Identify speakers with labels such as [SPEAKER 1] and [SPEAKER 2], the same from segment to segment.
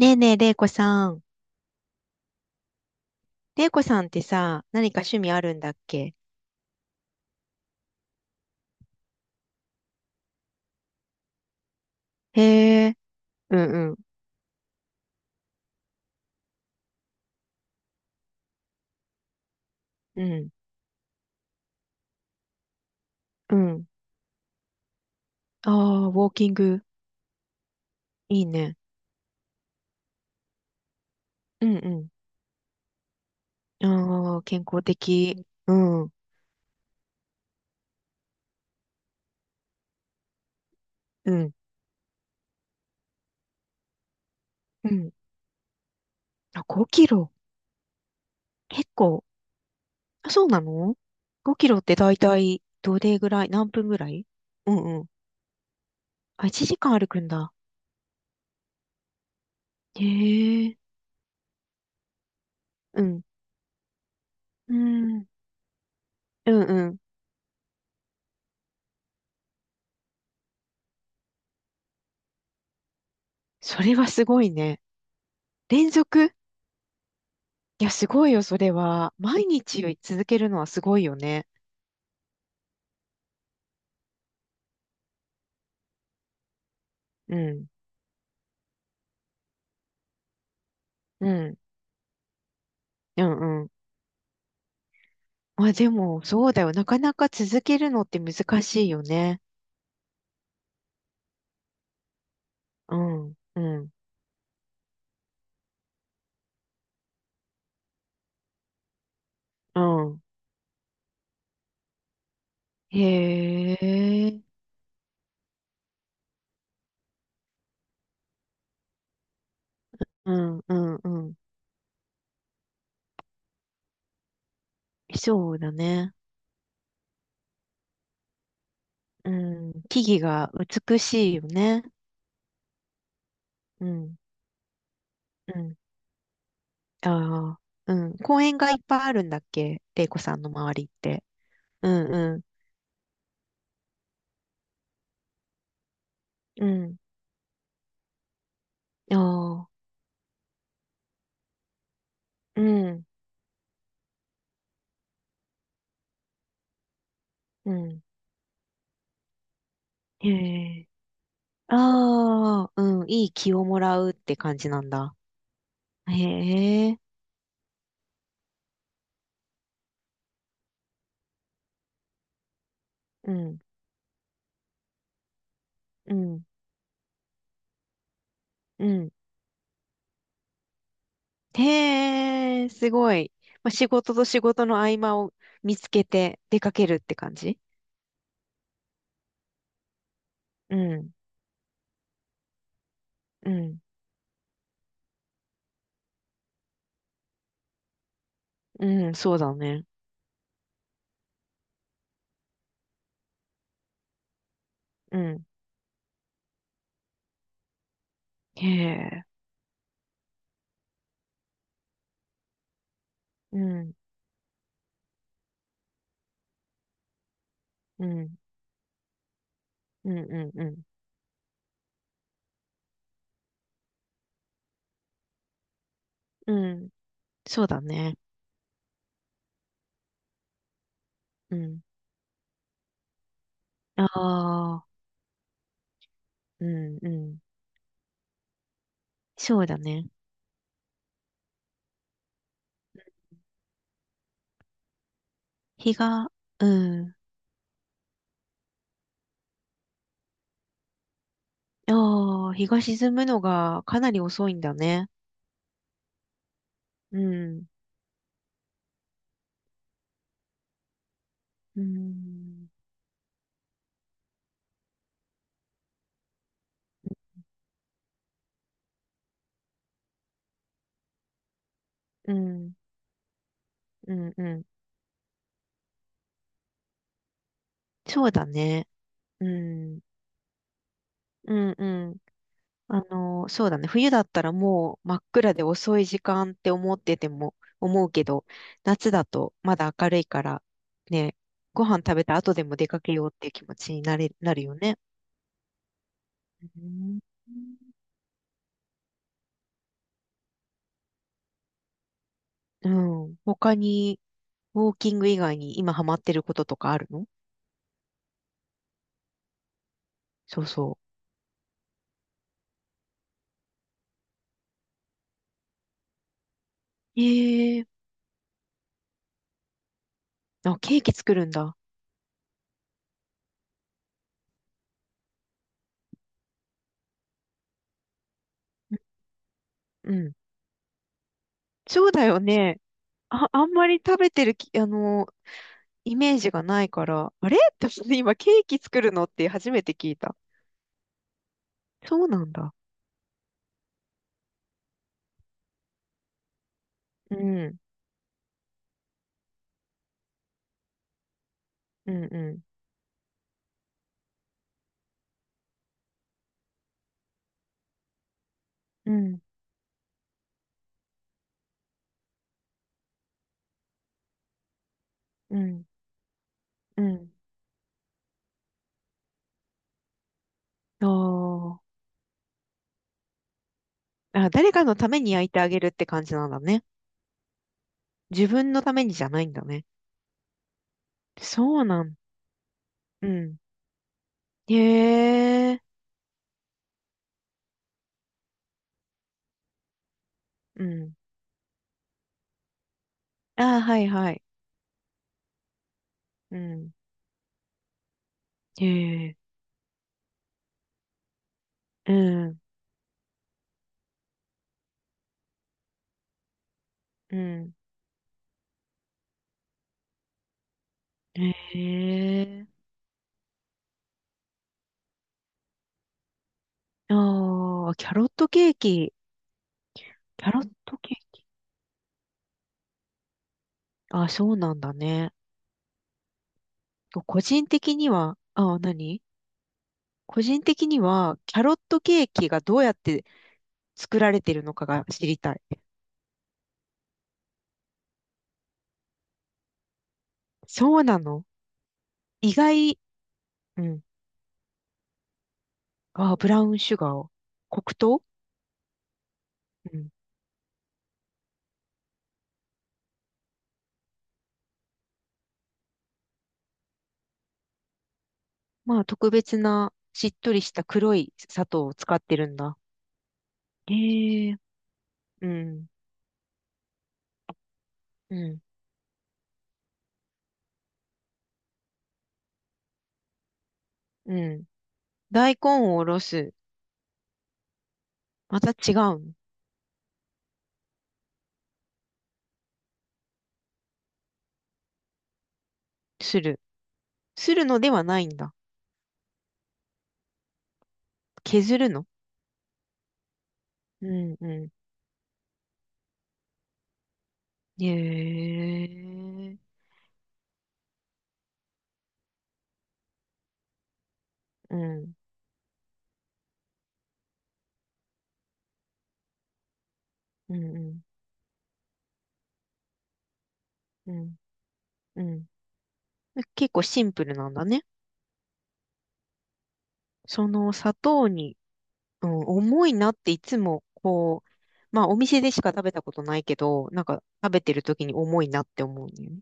[SPEAKER 1] ねえねえ、れいこさん。れいこさんってさ、何か趣味あるんだっけ？へえ、うんうん、うん、うん。ああ、ウォーキング、いいね。うんうん。ああ、健康的。うん、うん、うん。あ、5キロ。結構。あ、そうなの？ 5 キロってだいたいどれぐらい、何分ぐらい？うんうん。あ、1時間歩くんだ。へえ、うん、うん、うんうん。それはすごいね。連続、いや、すごいよ、それは。毎日続けるのはすごいよね。うん、うん、うん、うん。まあでも、そうだよ。なかなか続けるのって難しいよね。うん、うん、うん。へえ、うん、うん、うん。そうだね。うん、木々が美しいよね。うん、うん。ああ、うん。公園がいっぱいあるんだっけ、玲子さんの周りって。うん、うん、うん。ああ、うん、うん。へえ。ああ、うん、いい気をもらうって感じなんだ。へえ、うん、うん、うん。へえ、すごい。まあ、仕事と仕事の合間を見つけて出かけるって感じ？うん、うん、うん、そうだね。うん、へえ、うん、うん、うん、うん、うん、うん、そうだね。うん、ああ、うん、うん、そうだね。日が、うん、ああ、日が沈むのがかなり遅いんだね。うん、うん、うん、うん、うん。そうだね。うん、うん、うん。あの、そうだね。冬だったらもう真っ暗で遅い時間って思ってても、思うけど、夏だとまだ明るいから、ね、ご飯食べた後でも出かけようっていう気持ちになるよね。うんうん。他に、ウォーキング以外に今ハマってることとかあるの？そうそう。ええ、あ、ケーキ作るんだ。うん。そうだよね。あ、あんまり食べてるき、あの、イメージがないから、あれって思 今ケーキ作るのって初めて聞いた。そうなんだ。うん、うん、うん、うん、うん、うん。あー、あ、誰かのために焼いてあげるって感じなんだね。自分のためにじゃないんだね。そうなん、うん。へえ、うん。ああ、はいはい。うん。へえ、うん、うん。へえ。ああ、キャロットケーキ。キャロットケーキ、あ、そうなんだね。個人的には、個人的には、キャロットケーキがどうやって作られてるのかが知りたい。そうなの？意外、うん。あ、ブラウンシュガーを。黒糖、うん。まあ、特別な、しっとりした黒い砂糖を使ってるんだ。へえ、うん、うん、うん。大根をおろす。また違うん、する。するのではないんだ。削るの、うん、うん。へえ。うん、うん、うん、うん、うん。結構シンプルなんだね。その砂糖に、うん、重いなっていつもこう、まあお店でしか食べたことないけど、なんか食べてる時に重いなって思うんだよね。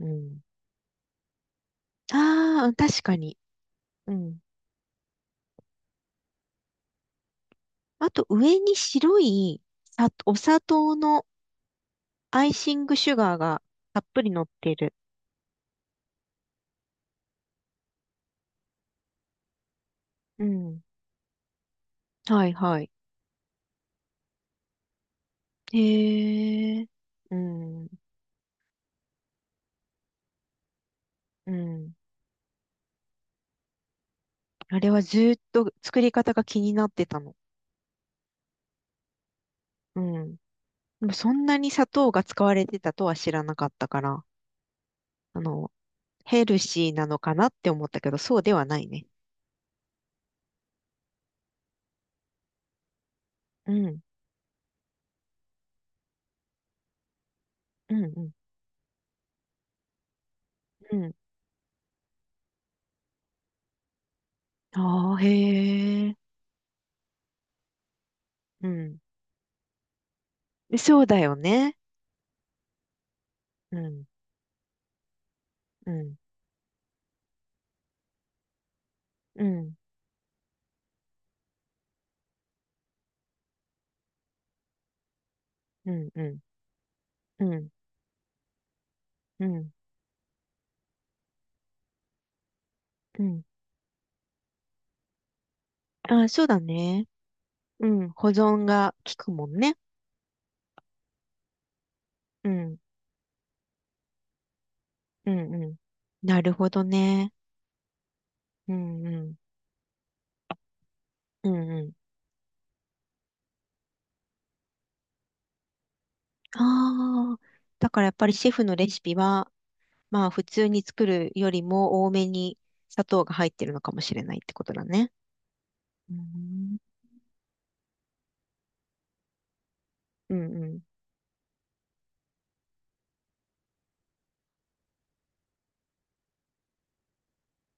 [SPEAKER 1] うん。ああ、確かに。うん。あと上に白い、さ、お砂糖のアイシングシュガーがたっぷり乗ってる。うん。はいはい。へえ。うん。うん。あれはずーっと作り方が気になってたの。うん。でもそんなに砂糖が使われてたとは知らなかったから、あの、ヘルシーなのかなって思ったけど、そうではないね。うん、うん、うん、うん。ああ、へえ。うん。で、そうだよね。うん、うん、うん、うん、うん、うん、うん、うん。ああ、そうだね。うん、保存が効くもんね。うん、うん、うん。なるほどね。うん、うん、うん、うん。ああ、だからやっぱりシェフのレシピは、まあ普通に作るよりも多めに砂糖が入ってるのかもしれないってことだね。うーん、うんうん。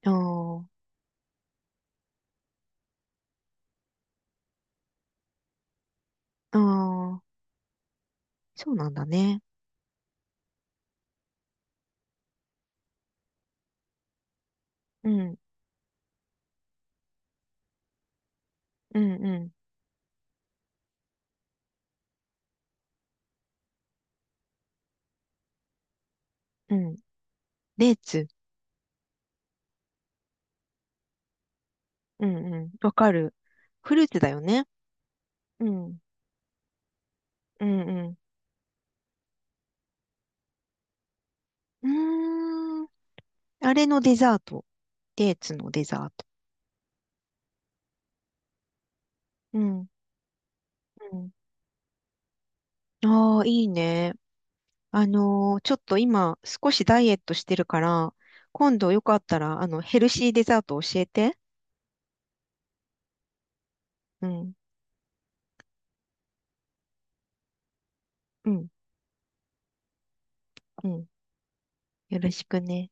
[SPEAKER 1] ああ、ああ、そうなんだね。うん、うん、うん、うん。デーツ。うんうん。わかる。フルーツだよね。うん、うん、うん。うーん。あれのデザート。デーツのデザート。うん、うん。ああ、いいね。あのー、ちょっと今少しダイエットしてるから、今度よかったら、あの、ヘルシーデザート教えて。うん、うん、うん。よろしくね。